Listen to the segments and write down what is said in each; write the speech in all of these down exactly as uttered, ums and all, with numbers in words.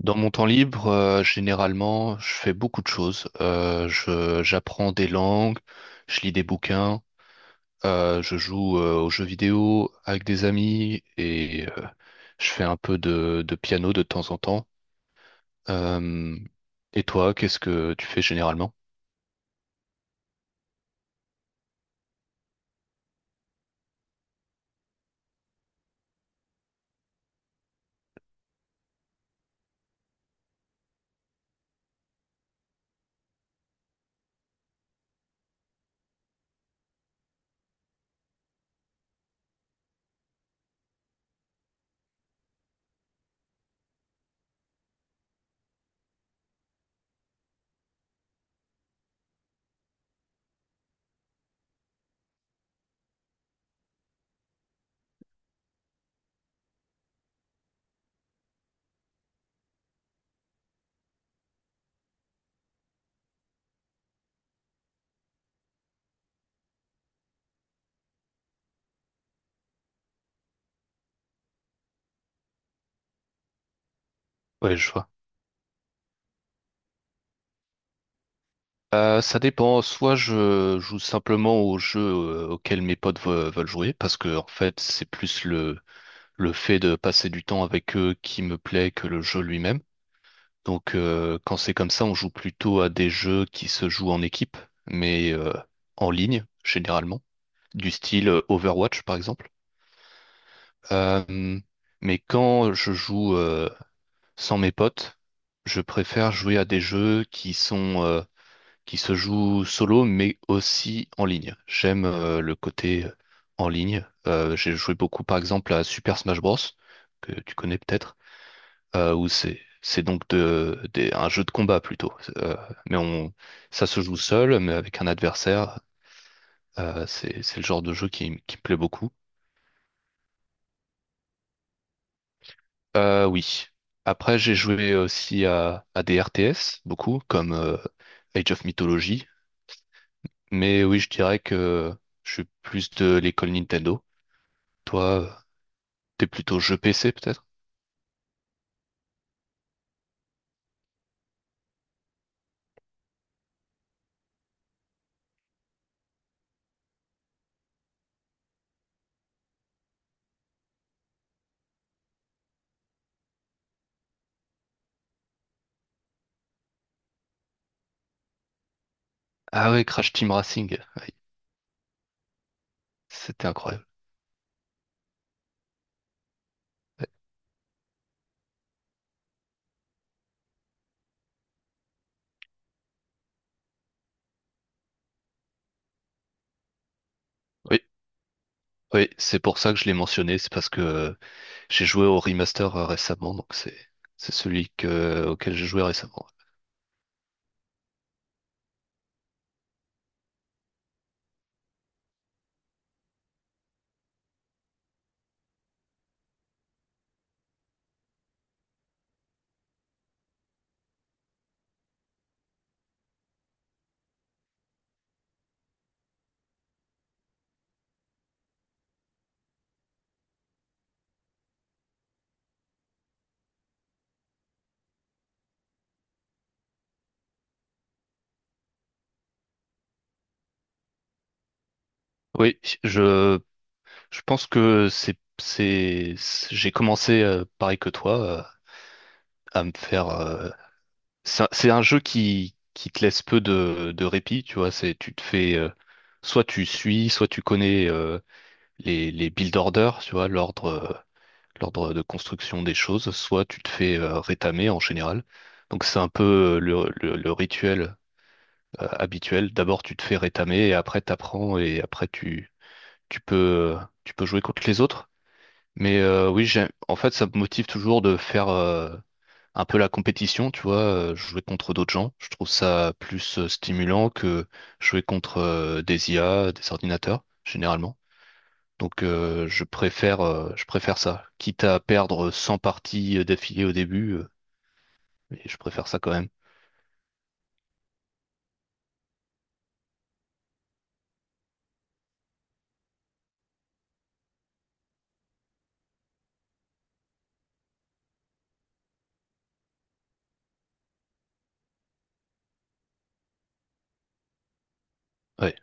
Dans mon temps libre, euh, généralement, je fais beaucoup de choses. Euh, je, j'apprends des langues, je lis des bouquins, euh, je joue euh, aux jeux vidéo avec des amis et euh, je fais un peu de, de piano de temps en temps. Euh, et toi, qu'est-ce que tu fais généralement? Ouais, je vois. Euh, ça dépend. Soit je joue simplement aux jeux euh, auxquels mes potes ve- veulent jouer, parce que en fait, c'est plus le le fait de passer du temps avec eux qui me plaît que le jeu lui-même. Donc euh, quand c'est comme ça, on joue plutôt à des jeux qui se jouent en équipe, mais euh, en ligne généralement, du style euh, Overwatch par exemple. Euh, mais quand je joue euh, sans mes potes, je préfère jouer à des jeux qui sont euh, qui se jouent solo, mais aussi en ligne. J'aime euh, le côté euh, en ligne. Euh, j'ai joué beaucoup par exemple à Super Smash Bros. Que tu connais peut-être. Euh, où c'est c'est donc de, des- un jeu de combat plutôt. Euh, mais on, ça se joue seul, mais avec un adversaire. Euh, c'est c'est le genre de jeu qui, m- qui me plaît beaucoup. Euh, oui. Après, j'ai joué aussi à, à des R T S, beaucoup, comme euh, Age of Mythology. Mais oui, je dirais que je suis plus de l'école Nintendo. Toi, euh, t'es plutôt jeu P C peut-être? Ah oui, Crash Team Racing. Oui, c'était incroyable. Oui, oui, c'est pour ça que je l'ai mentionné. C'est parce que euh, j'ai joué au remaster euh, récemment, donc c'est c'est celui que, auquel j'ai joué récemment. Oui, je je pense que c'est c'est c'est- j'ai commencé euh, pareil que toi euh, à me faire euh, C'est un c'est un jeu qui, qui te laisse peu de, de répit, tu vois. C'est, tu te fais, euh, Soit tu suis, soit tu connais euh, les, les build orders, tu vois, l'ordre, euh, l'ordre de construction des choses, soit tu te fais euh, rétamer en général. Donc c'est un peu euh, le, le- le rituel euh, habituel. D'abord tu te fais rétamer et après t'apprends et après tu, tu peux, euh, tu peux jouer contre les autres. Mais euh, oui, j'ai, en fait, ça me motive toujours de faire. Euh, un peu la compétition, tu vois, euh, jouer contre d'autres gens. Je trouve ça plus euh, stimulant que jouer contre euh, des I A, des ordinateurs, généralement. Donc euh, je préfère euh, je préfère ça. Quitte à perdre cent parties euh, d'affilée au début, euh, mais je préfère ça quand même. Ouais,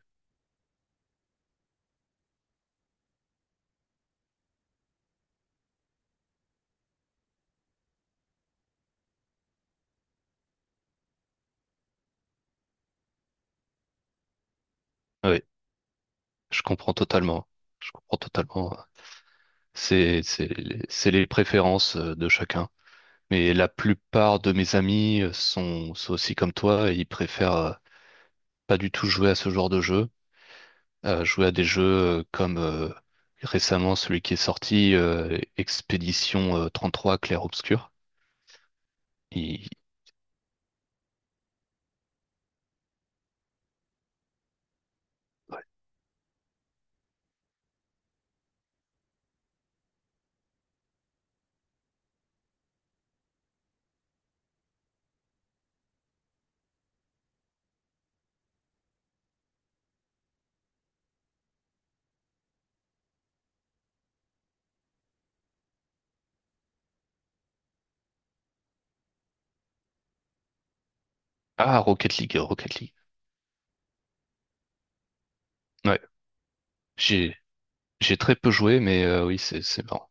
ouais, je comprends totalement. Je comprends totalement. C'est c'est les c'est les préférences euh, de chacun. Mais la plupart de mes amis euh, sont, sont aussi comme toi et ils préfèrent euh, pas du tout jouer à ce genre de jeu. Euh, jouer à des jeux euh, comme euh, récemment celui qui est sorti, euh, Expédition euh, trente-trois Clair Obscur. Il- Ah, Rocket League, Rocket League. Ouais, j'ai j'ai très peu joué, mais euh, oui, c'est c'est marrant.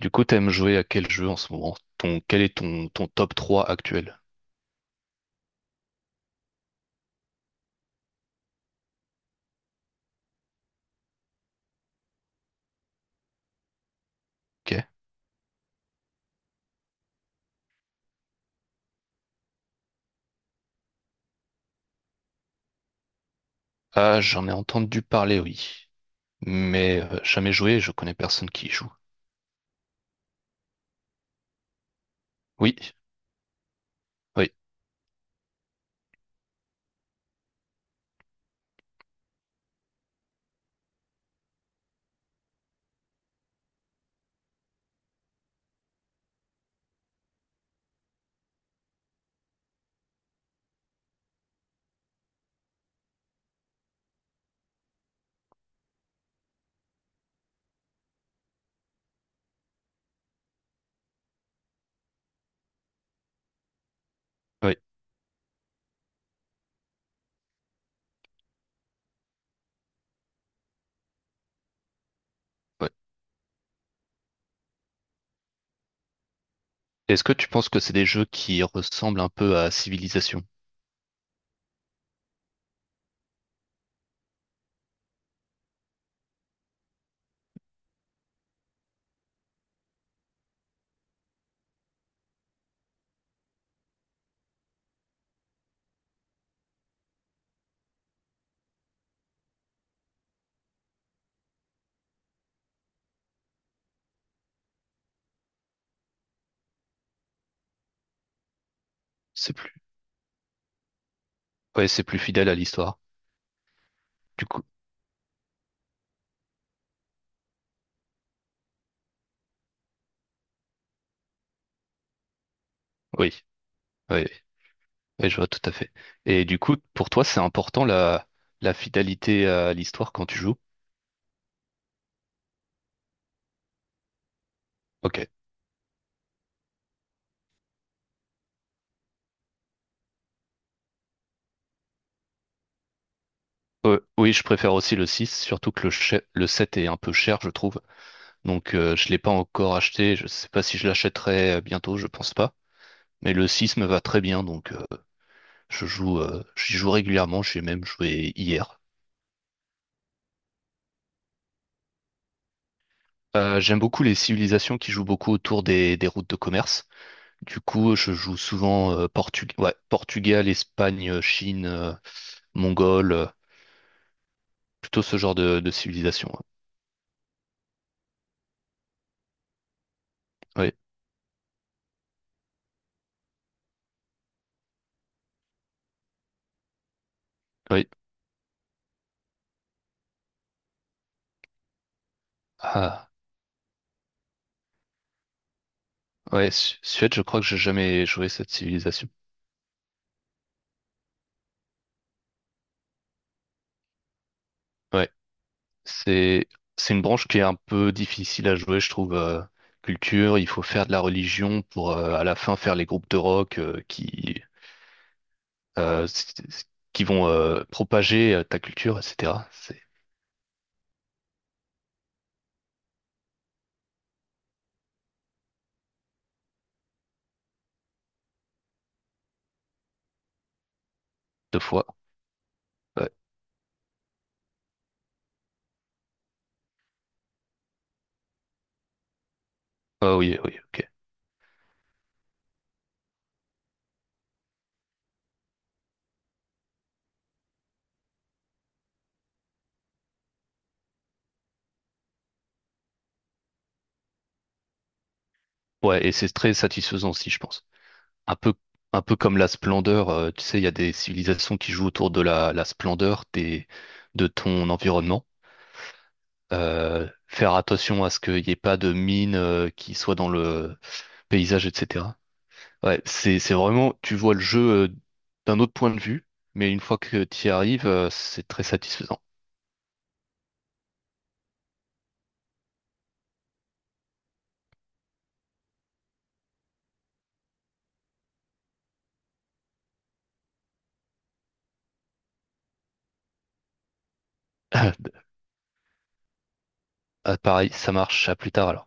Du coup, t'aimes jouer à quel jeu en ce moment? Ton, quel est ton, ton top trois actuel? Ok. Ah, j'en ai entendu parler, oui. Mais euh, jamais joué, je connais personne qui y joue. Oui, oui, oui, oui. Est-ce que tu penses que c'est des jeux qui ressemblent un peu à Civilization? C'est plus, ouais, c'est plus fidèle à l'histoire. Du coup, oui, oui, oui, oui, je vois tout à fait. Et du coup, pour toi, c'est important la, la fidélité à l'histoire quand tu joues? Ok. Euh, oui, je préfère aussi le six, surtout que le, che- le sept est un peu cher, je trouve. Donc, euh, je l'ai pas encore acheté. Je sais pas si je l'achèterai euh, bientôt, je pense pas. Mais le six me va très bien, donc euh, je joue, euh, j'y joue régulièrement. J'ai même joué hier. Euh, j'aime beaucoup les civilisations qui jouent beaucoup autour des, des routes de commerce. Du coup, je joue souvent euh, Portug- ouais, Portugal, Espagne, euh, Chine, euh, Mongol, euh, plutôt ce genre de, de civilisation. Ouais. Oui, oui. Ah, ouais, Su- Suède, je crois que j'ai jamais joué cette civilisation. Ouais, c'est c'est une branche qui est un peu difficile à jouer, je trouve. Euh, culture, il faut faire de la religion pour euh, à la fin faire les groupes de rock euh, qui euh, s- s- qui vont euh, propager euh, ta culture, et cetera. C'est deux fois. Ouais. Ah oui, oui, ok. Ouais, et c'est très satisfaisant aussi, je pense. Un peu, un peu comme la splendeur, euh, tu sais, il y a des civilisations qui jouent autour de la, la splendeur des, de ton environnement. Euh, faire attention à ce qu'il n'y ait pas de mines euh, qui soient dans le paysage, et cetera. Ouais, c'est c'est vraiment, tu vois le jeu euh, d'un autre point de vue, mais une fois que tu y arrives, euh, c'est très satisfaisant. Ah, pareil, ça marche, à plus tard alors.